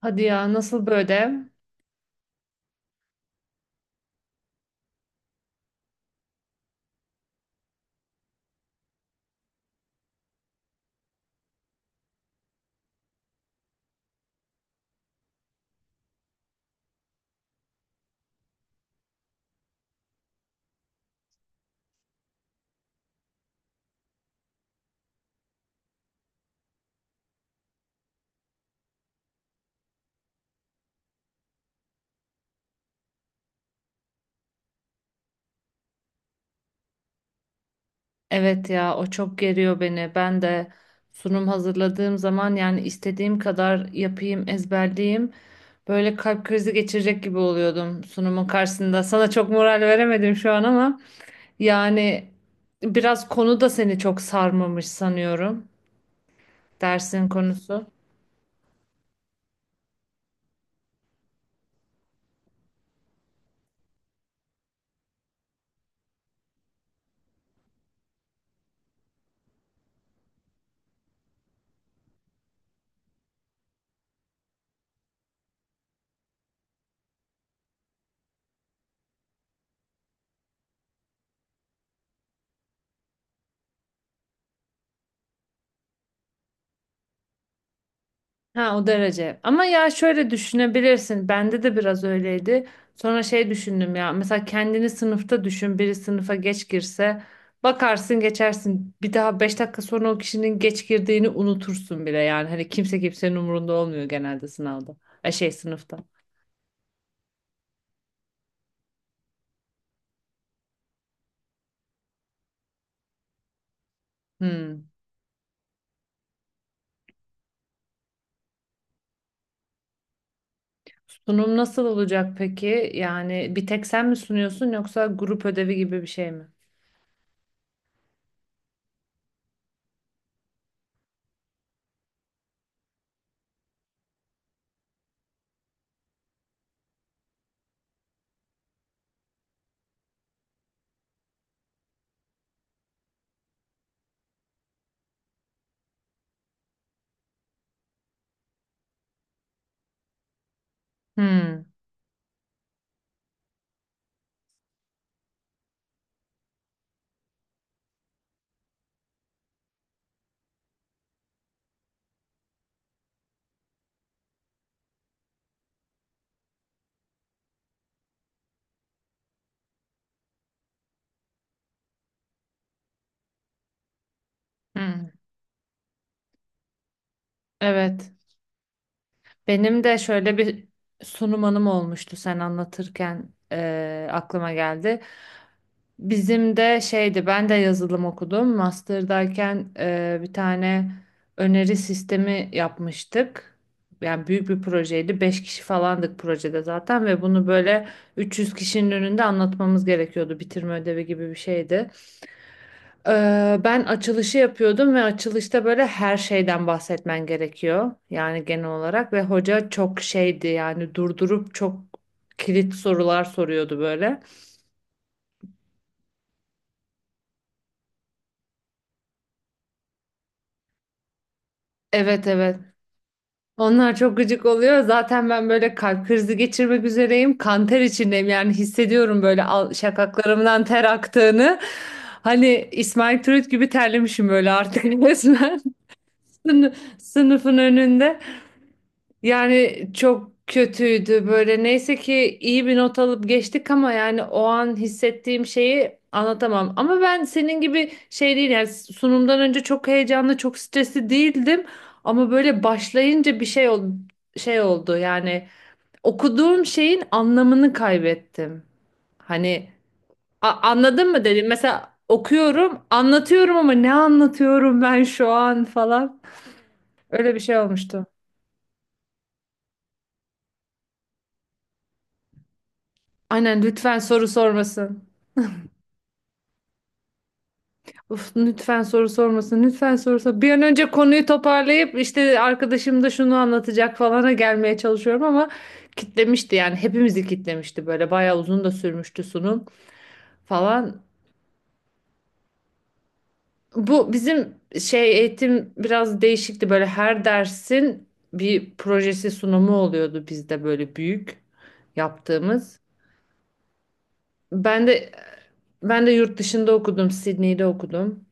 Hadi ya nasıl böyle? Evet ya o çok geriyor beni. Ben de sunum hazırladığım zaman yani istediğim kadar yapayım, ezberleyeyim. Böyle kalp krizi geçirecek gibi oluyordum sunumun karşısında. Sana çok moral veremedim şu an ama yani biraz konu da seni çok sarmamış sanıyorum. Dersin konusu. Ha o derece. Ama ya şöyle düşünebilirsin. Bende de biraz öyleydi. Sonra şey düşündüm ya. Mesela kendini sınıfta düşün. Biri sınıfa geç girse bakarsın geçersin. Bir daha 5 dakika sonra o kişinin geç girdiğini unutursun bile. Yani hani kimse kimsenin umurunda olmuyor genelde sınavda. E şey sınıfta. Hmm. Sunum nasıl olacak peki? Yani bir tek sen mi sunuyorsun yoksa grup ödevi gibi bir şey mi? Hmm. Hmm. Evet. Benim de şöyle bir sunum anım olmuştu sen anlatırken aklıma geldi. Bizim de şeydi ben de yazılım okudum. Master'dayken bir tane öneri sistemi yapmıştık. Yani büyük bir projeydi. 5 kişi falandık projede zaten ve bunu böyle 300 kişinin önünde anlatmamız gerekiyordu. Bitirme ödevi gibi bir şeydi. Ben açılışı yapıyordum ve açılışta böyle her şeyden bahsetmen gerekiyor. Yani genel olarak ve hoca çok şeydi yani durdurup çok kilit sorular soruyordu böyle. Evet, evet. Onlar çok gıcık oluyor. Zaten ben böyle kalp krizi geçirmek üzereyim. Kan ter içindeyim yani hissediyorum böyle şakaklarımdan ter aktığını. Hani İsmail Türüt gibi terlemişim böyle artık resmen sınıfın önünde. Yani çok kötüydü böyle. Neyse ki iyi bir not alıp geçtik ama yani o an hissettiğim şeyi anlatamam. Ama ben senin gibi şey değil yani sunumdan önce çok heyecanlı, çok stresli değildim. Ama böyle başlayınca bir şey oldu, şey oldu yani okuduğum şeyin anlamını kaybettim. Hani anladın mı dedim. Mesela okuyorum, anlatıyorum ama ne anlatıyorum ben şu an falan. Öyle bir şey olmuştu. Aynen lütfen soru sormasın. Uf, lütfen soru sormasın. Lütfen soru sor. Bir an önce konuyu toparlayıp işte arkadaşım da şunu anlatacak falana gelmeye çalışıyorum ama kitlemişti yani hepimizi kitlemişti böyle bayağı uzun da sürmüştü sunum falan. Bu bizim şey eğitim biraz değişikti böyle her dersin bir projesi sunumu oluyordu bizde böyle büyük yaptığımız. Ben de ben de yurt dışında okudum, Sydney'de okudum.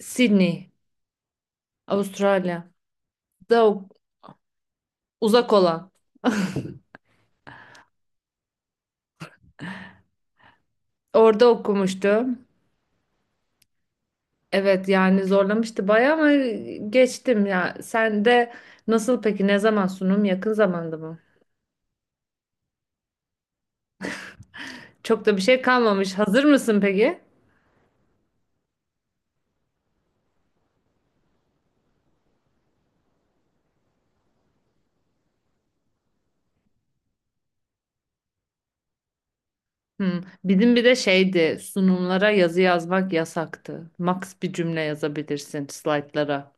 Sydney, Avustralya. Da uzak olan. Orada okumuştu. Evet yani zorlamıştı bayağı ama geçtim ya. Sen de nasıl peki? Ne zaman sunum? Yakın zamanda mı? Çok da bir şey kalmamış. Hazır mısın peki? Hı. Bizim bir de şeydi sunumlara yazı yazmak yasaktı. Max bir cümle yazabilirsin slaytlara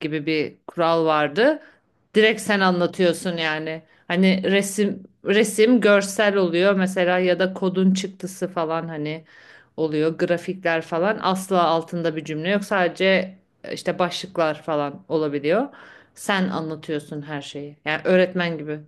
gibi bir kural vardı. Direkt sen anlatıyorsun yani. Hani resim görsel oluyor mesela ya da kodun çıktısı falan hani oluyor grafikler falan asla altında bir cümle yok sadece işte başlıklar falan olabiliyor. Sen anlatıyorsun her şeyi. Yani öğretmen gibi.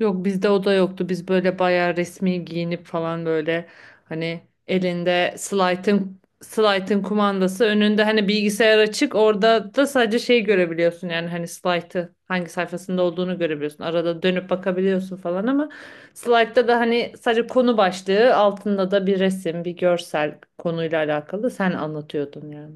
Yok bizde o da yoktu. Biz böyle bayağı resmi giyinip falan böyle hani elinde slaytın kumandası önünde hani bilgisayar açık orada da sadece şey görebiliyorsun yani hani slaytı hangi sayfasında olduğunu görebiliyorsun. Arada dönüp bakabiliyorsun falan ama slaytta da hani sadece konu başlığı altında da bir resim bir görsel konuyla alakalı sen anlatıyordun yani.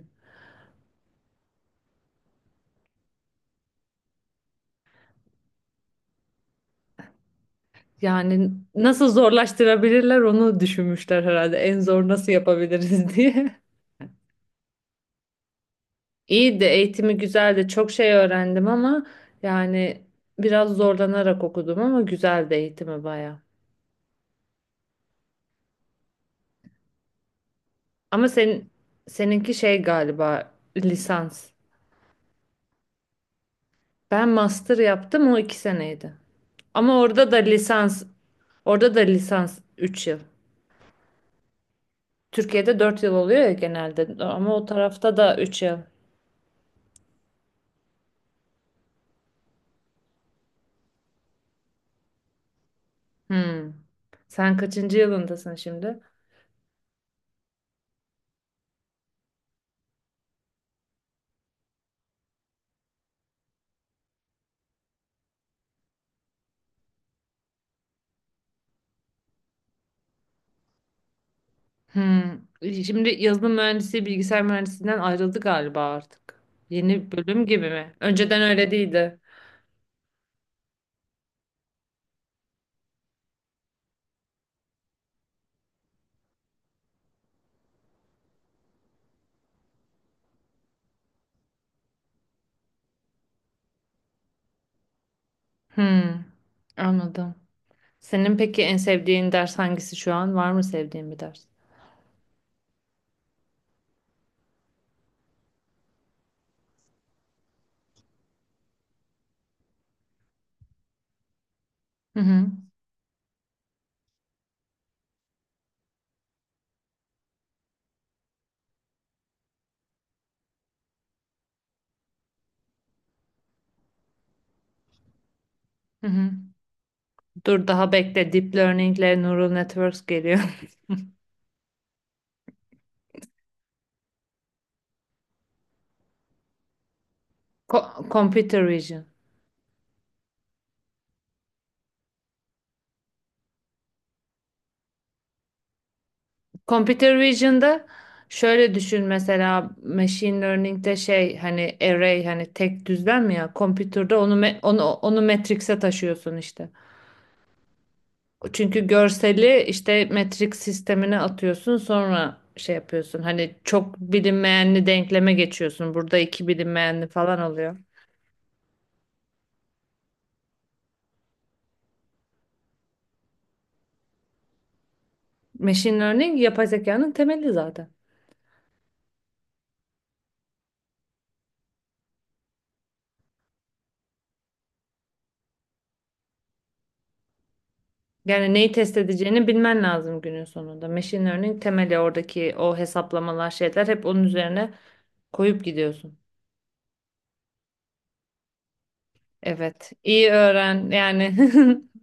Yani nasıl zorlaştırabilirler onu düşünmüşler herhalde en zor nasıl yapabiliriz diye. İyi de eğitimi güzeldi. Çok şey öğrendim ama yani biraz zorlanarak okudum ama güzeldi eğitimi baya. Ama seninki şey galiba lisans. Ben master yaptım o 2 seneydi. Ama orada da lisans 3 yıl. Türkiye'de 4 yıl oluyor ya genelde ama o tarafta da 3 yıl. Hmm. Sen kaçıncı yılındasın şimdi? Hmm. Şimdi yazılım mühendisi bilgisayar mühendisliğinden ayrıldı galiba artık. Yeni bölüm gibi mi? Önceden öyle değildi. Hmm. Anladım. Senin peki en sevdiğin ders hangisi şu an? Var mı sevdiğin bir ders? Hı hı. Hı hı. Dur daha bekle. Deep Learning ile Neural Networks geliyor. Computer Vision. Computer Vision'da şöyle düşün mesela machine learning'de şey hani array hani tek düzlem ya computer'da onu onu matrix'e taşıyorsun işte. Çünkü görseli işte metrik sistemine atıyorsun sonra şey yapıyorsun. Hani çok bilinmeyenli denkleme geçiyorsun. Burada 2 bilinmeyenli falan oluyor. Machine learning yapay zekanın temeli zaten. Yani neyi test edeceğini bilmen lazım günün sonunda. Machine learning temeli oradaki o hesaplamalar şeyler hep onun üzerine koyup gidiyorsun. Evet, iyi öğren yani.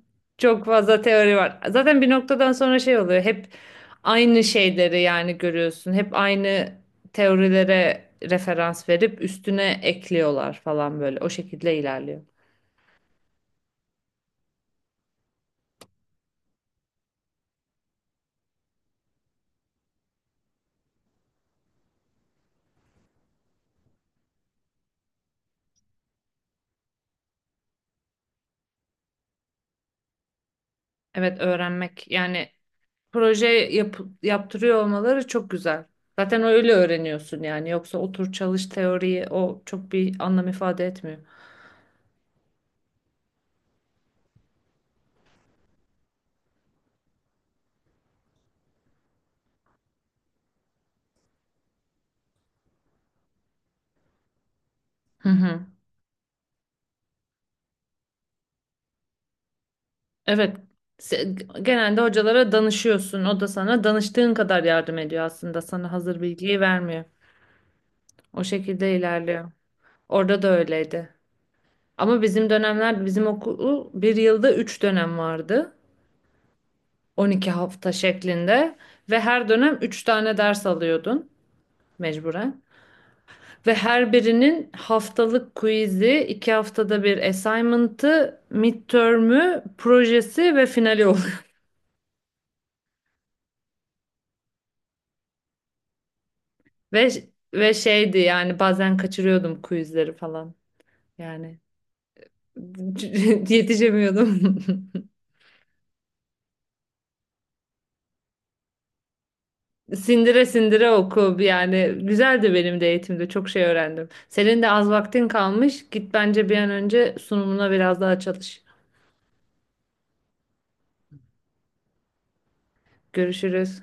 Çok fazla teori var. Zaten bir noktadan sonra şey oluyor. Hep aynı şeyleri yani görüyorsun. Hep aynı teorilere referans verip üstüne ekliyorlar falan böyle. O şekilde ilerliyor. Evet, öğrenmek yani proje yaptırıyor olmaları çok güzel. Zaten öyle öğreniyorsun yani. Yoksa otur çalış teoriyi o çok bir anlam ifade etmiyor. Hı hı. Evet. Se- Genelde hocalara danışıyorsun. O da sana danıştığın kadar yardım ediyor aslında. Sana hazır bilgiyi vermiyor. O şekilde ilerliyor. Orada da öyleydi. Ama bizim okulu bir yılda 3 dönem vardı. 12 hafta şeklinde. Ve her dönem 3 tane ders alıyordun mecburen. Ve her birinin haftalık quiz'i, 2 haftada bir assignment'ı, midterm'ü, projesi ve finali. Ve ve şeydi yani bazen kaçırıyordum quizleri falan. Yani yetişemiyordum. Sindire sindire oku yani güzeldi benim de eğitimde çok şey öğrendim. Senin de az vaktin kalmış. Git bence bir an önce sunumuna biraz daha çalış. Görüşürüz.